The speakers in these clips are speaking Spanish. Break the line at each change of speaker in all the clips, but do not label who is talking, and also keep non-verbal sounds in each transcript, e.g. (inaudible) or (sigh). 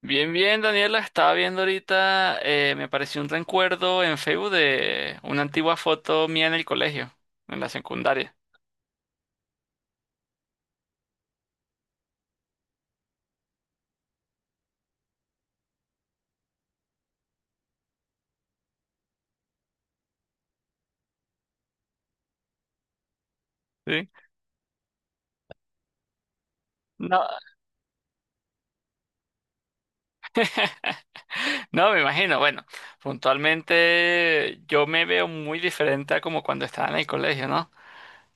Bien, bien, Daniela. Estaba viendo ahorita, me apareció un recuerdo en Facebook de una antigua foto mía en el colegio, en la secundaria. ¿Sí? No, no, me imagino. Bueno, puntualmente yo me veo muy diferente a como cuando estaba en el colegio, ¿no?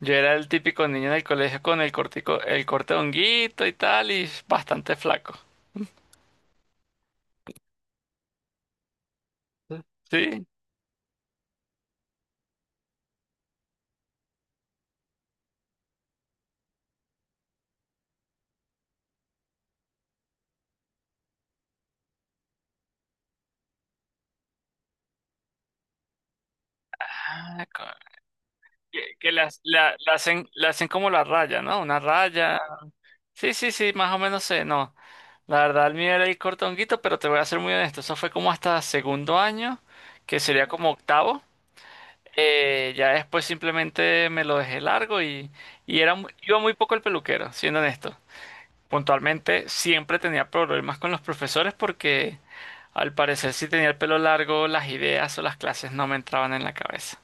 Yo era el típico niño en el colegio con el cortico, el corte de honguito y tal, y bastante flaco. ¿Sí? Ah, co- la hacen la hacen como la raya, ¿no? Una raya. Sí, sí, sí, más o menos sé, no. La verdad, el mío era ir cortonguito, pero te voy a ser muy honesto. Eso fue como hasta segundo año, que sería como octavo. Ya después simplemente me lo dejé largo y era, iba muy poco el peluquero, siendo honesto. Puntualmente siempre tenía problemas con los profesores porque al parecer si tenía el pelo largo, las ideas o las clases no me entraban en la cabeza.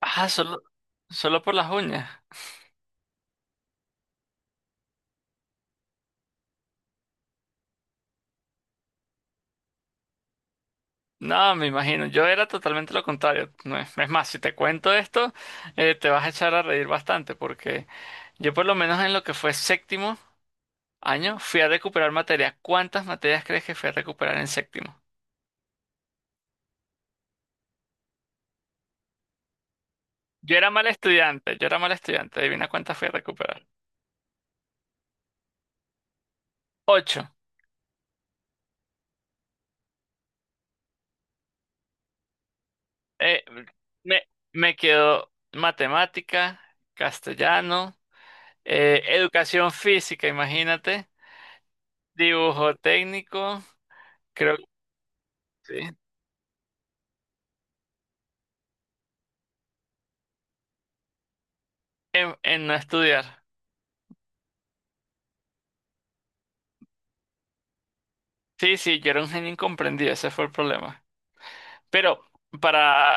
Ah, solo, solo por las uñas. No, me imagino. Yo era totalmente lo contrario. No. Es más, si te cuento esto, te vas a echar a reír bastante porque… Yo por lo menos en lo que fue séptimo año fui a recuperar materias. ¿Cuántas materias crees que fui a recuperar en séptimo? Yo era mal estudiante, yo era mal estudiante. Adivina cuántas fui a recuperar. Ocho. Eh, me, me quedó matemática, castellano, educación física, imagínate, dibujo técnico, creo que sí, en no estudiar. Sí, sí, yo era un genio incomprendido, ese fue el problema. Pero para, o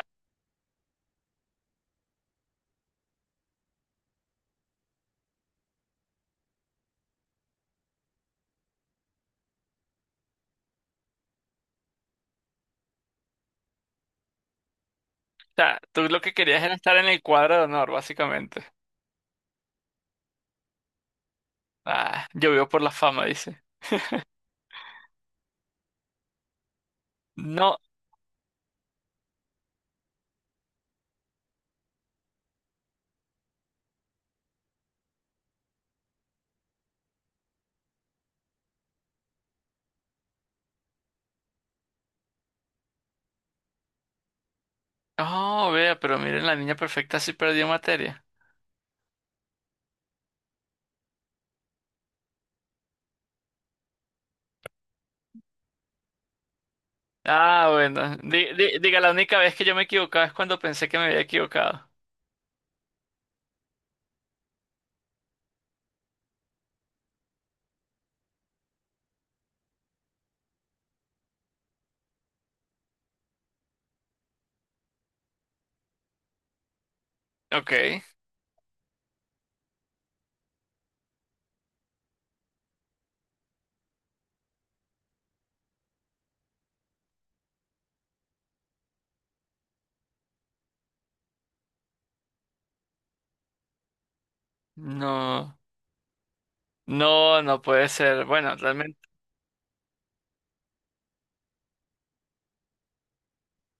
sea, tú lo que querías era estar en el cuadro de honor, básicamente. Ah, yo vivo por la fama, dice. No, oh, vea, pero miren, la niña perfecta sí perdió materia. Ah, bueno. Diga, la única vez que yo me equivocaba es cuando pensé que me había equivocado. Ok. No, no, no puede ser. Bueno, realmente.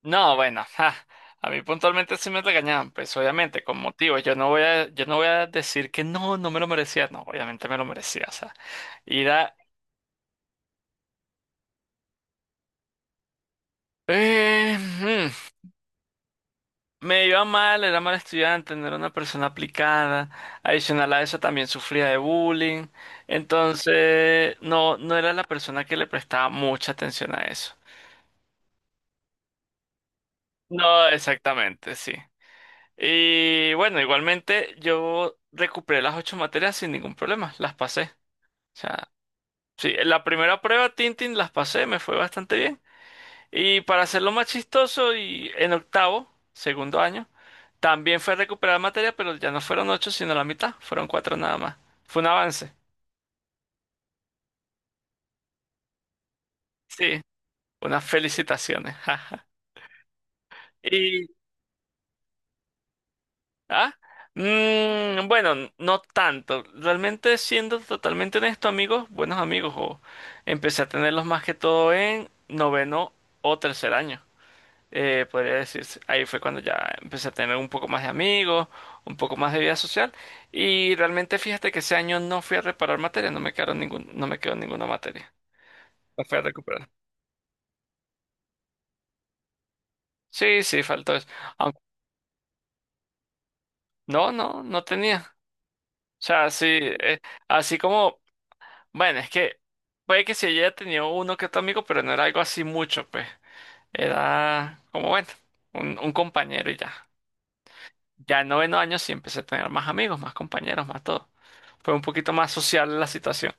No, bueno. (laughs) ja. A mí puntualmente sí me regañaban, pues obviamente, con motivos. Yo no voy a decir que no, no me lo merecía. No, obviamente me lo merecía. O sea, ir a. Me iba mal, era mal estudiante, no era una persona aplicada. Adicional a eso también sufría de bullying. Entonces, no, no era la persona que le prestaba mucha atención a eso. No, exactamente, sí. Y bueno, igualmente yo recuperé las ocho materias sin ningún problema, las pasé. O sea, sí, en la primera prueba Tintin las pasé, me fue bastante bien. Y para hacerlo más chistoso, y en octavo, segundo año. También fue recuperar materia, pero ya no fueron ocho, sino la mitad. Fueron cuatro nada más. Fue un avance. Sí, unas felicitaciones. Jaja. (laughs) Y, ¿ah? Mm, bueno, no tanto. Realmente, siendo totalmente honesto, amigos, buenos amigos, o empecé a tenerlos más que todo en noveno o tercer año. Podría decirse. Ahí fue cuando ya empecé a tener un poco más de amigos, un poco más de vida social. Y realmente, fíjate que ese año no fui a reparar materia, no me quedó ninguna materia. La fue a recuperar. Sí, sí, faltó eso. Aunque- no, no, no tenía. O sea, sí, eh, así como, bueno, es que puede que si ella tenía uno que otro amigo, pero no era algo así mucho, pues. Era como, bueno, un compañero y ya. Ya en noveno año sí empecé a tener más amigos, más compañeros, más todo. Fue un poquito más social la situación.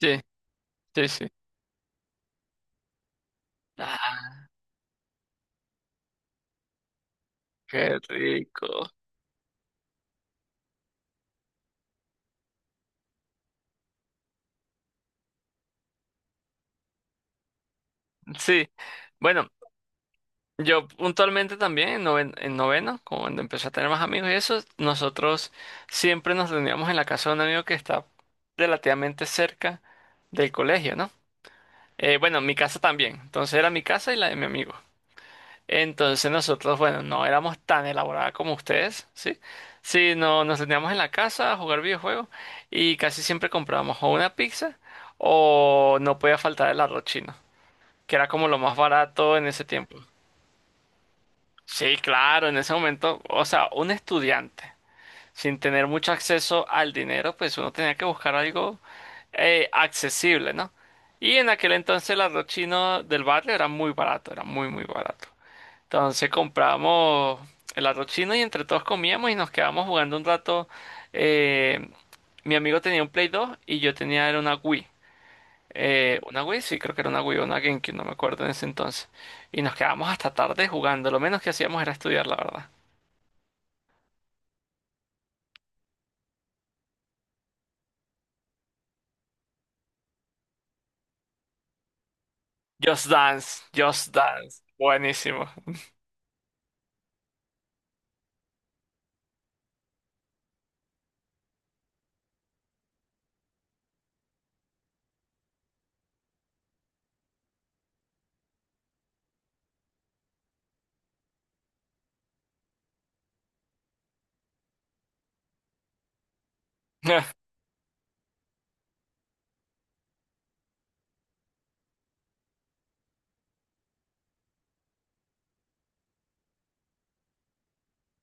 Sí, sí, sí. Ah, qué rico. Sí. Bueno, yo puntualmente también, en noveno, como cuando empecé a tener más amigos y eso, nosotros siempre nos reuníamos en la casa de un amigo que está relativamente cerca del colegio, ¿no? Bueno, mi casa también. Entonces era mi casa y la de mi amigo. Entonces nosotros, bueno, no éramos tan elaboradas como ustedes, ¿sí? Sí, no nos reuníamos en la casa a jugar videojuegos y casi siempre comprábamos o una pizza o no podía faltar el arroz chino, que era como lo más barato en ese tiempo. Sí, claro, en ese momento, o sea, un estudiante sin tener mucho acceso al dinero, pues uno tenía que buscar algo accesible, ¿no? Y en aquel entonces el arroz chino del barrio era muy barato, era muy, muy barato. Entonces compramos el arroz chino y entre todos comíamos y nos quedábamos jugando un rato. Eh, Mi amigo tenía un Play 2 y yo tenía era una Wii. Una Wii, sí, creo que era una Wii o una GameCube, no me acuerdo en ese entonces. Y nos quedábamos hasta tarde jugando, lo menos que hacíamos era estudiar, la verdad. Just Dance, Just Dance. Buenísimo. (laughs)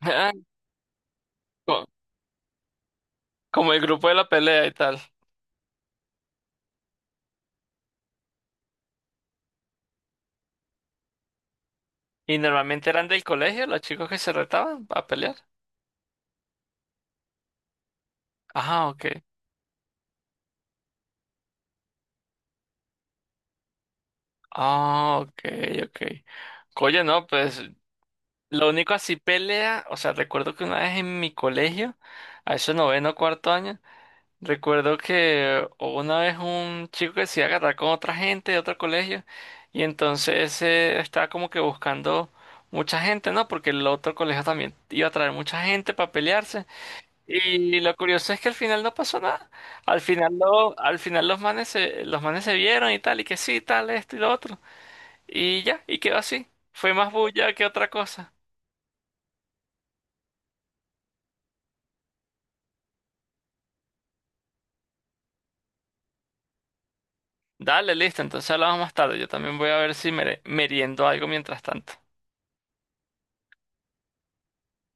Ah, Co- como el grupo de la pelea y tal. ¿Y normalmente eran del colegio los chicos que se retaban a pelear? Ah, ok. Ah, ok, ok. Oye, no, pues lo único así pelea, o sea, recuerdo que una vez en mi colegio, a eso noveno cuarto año, recuerdo que una vez un chico que se iba a agarrar con otra gente de otro colegio y entonces estaba como que buscando mucha gente, ¿no? Porque el otro colegio también iba a traer mucha gente para pelearse. Y lo curioso es que al final no pasó nada. Al final, lo, al final los manes se vieron y tal, y que sí, tal, esto y lo otro. Y ya, y quedó así. Fue más bulla que otra cosa. Dale, listo, entonces hablamos más tarde. Yo también voy a ver si meriendo algo mientras tanto.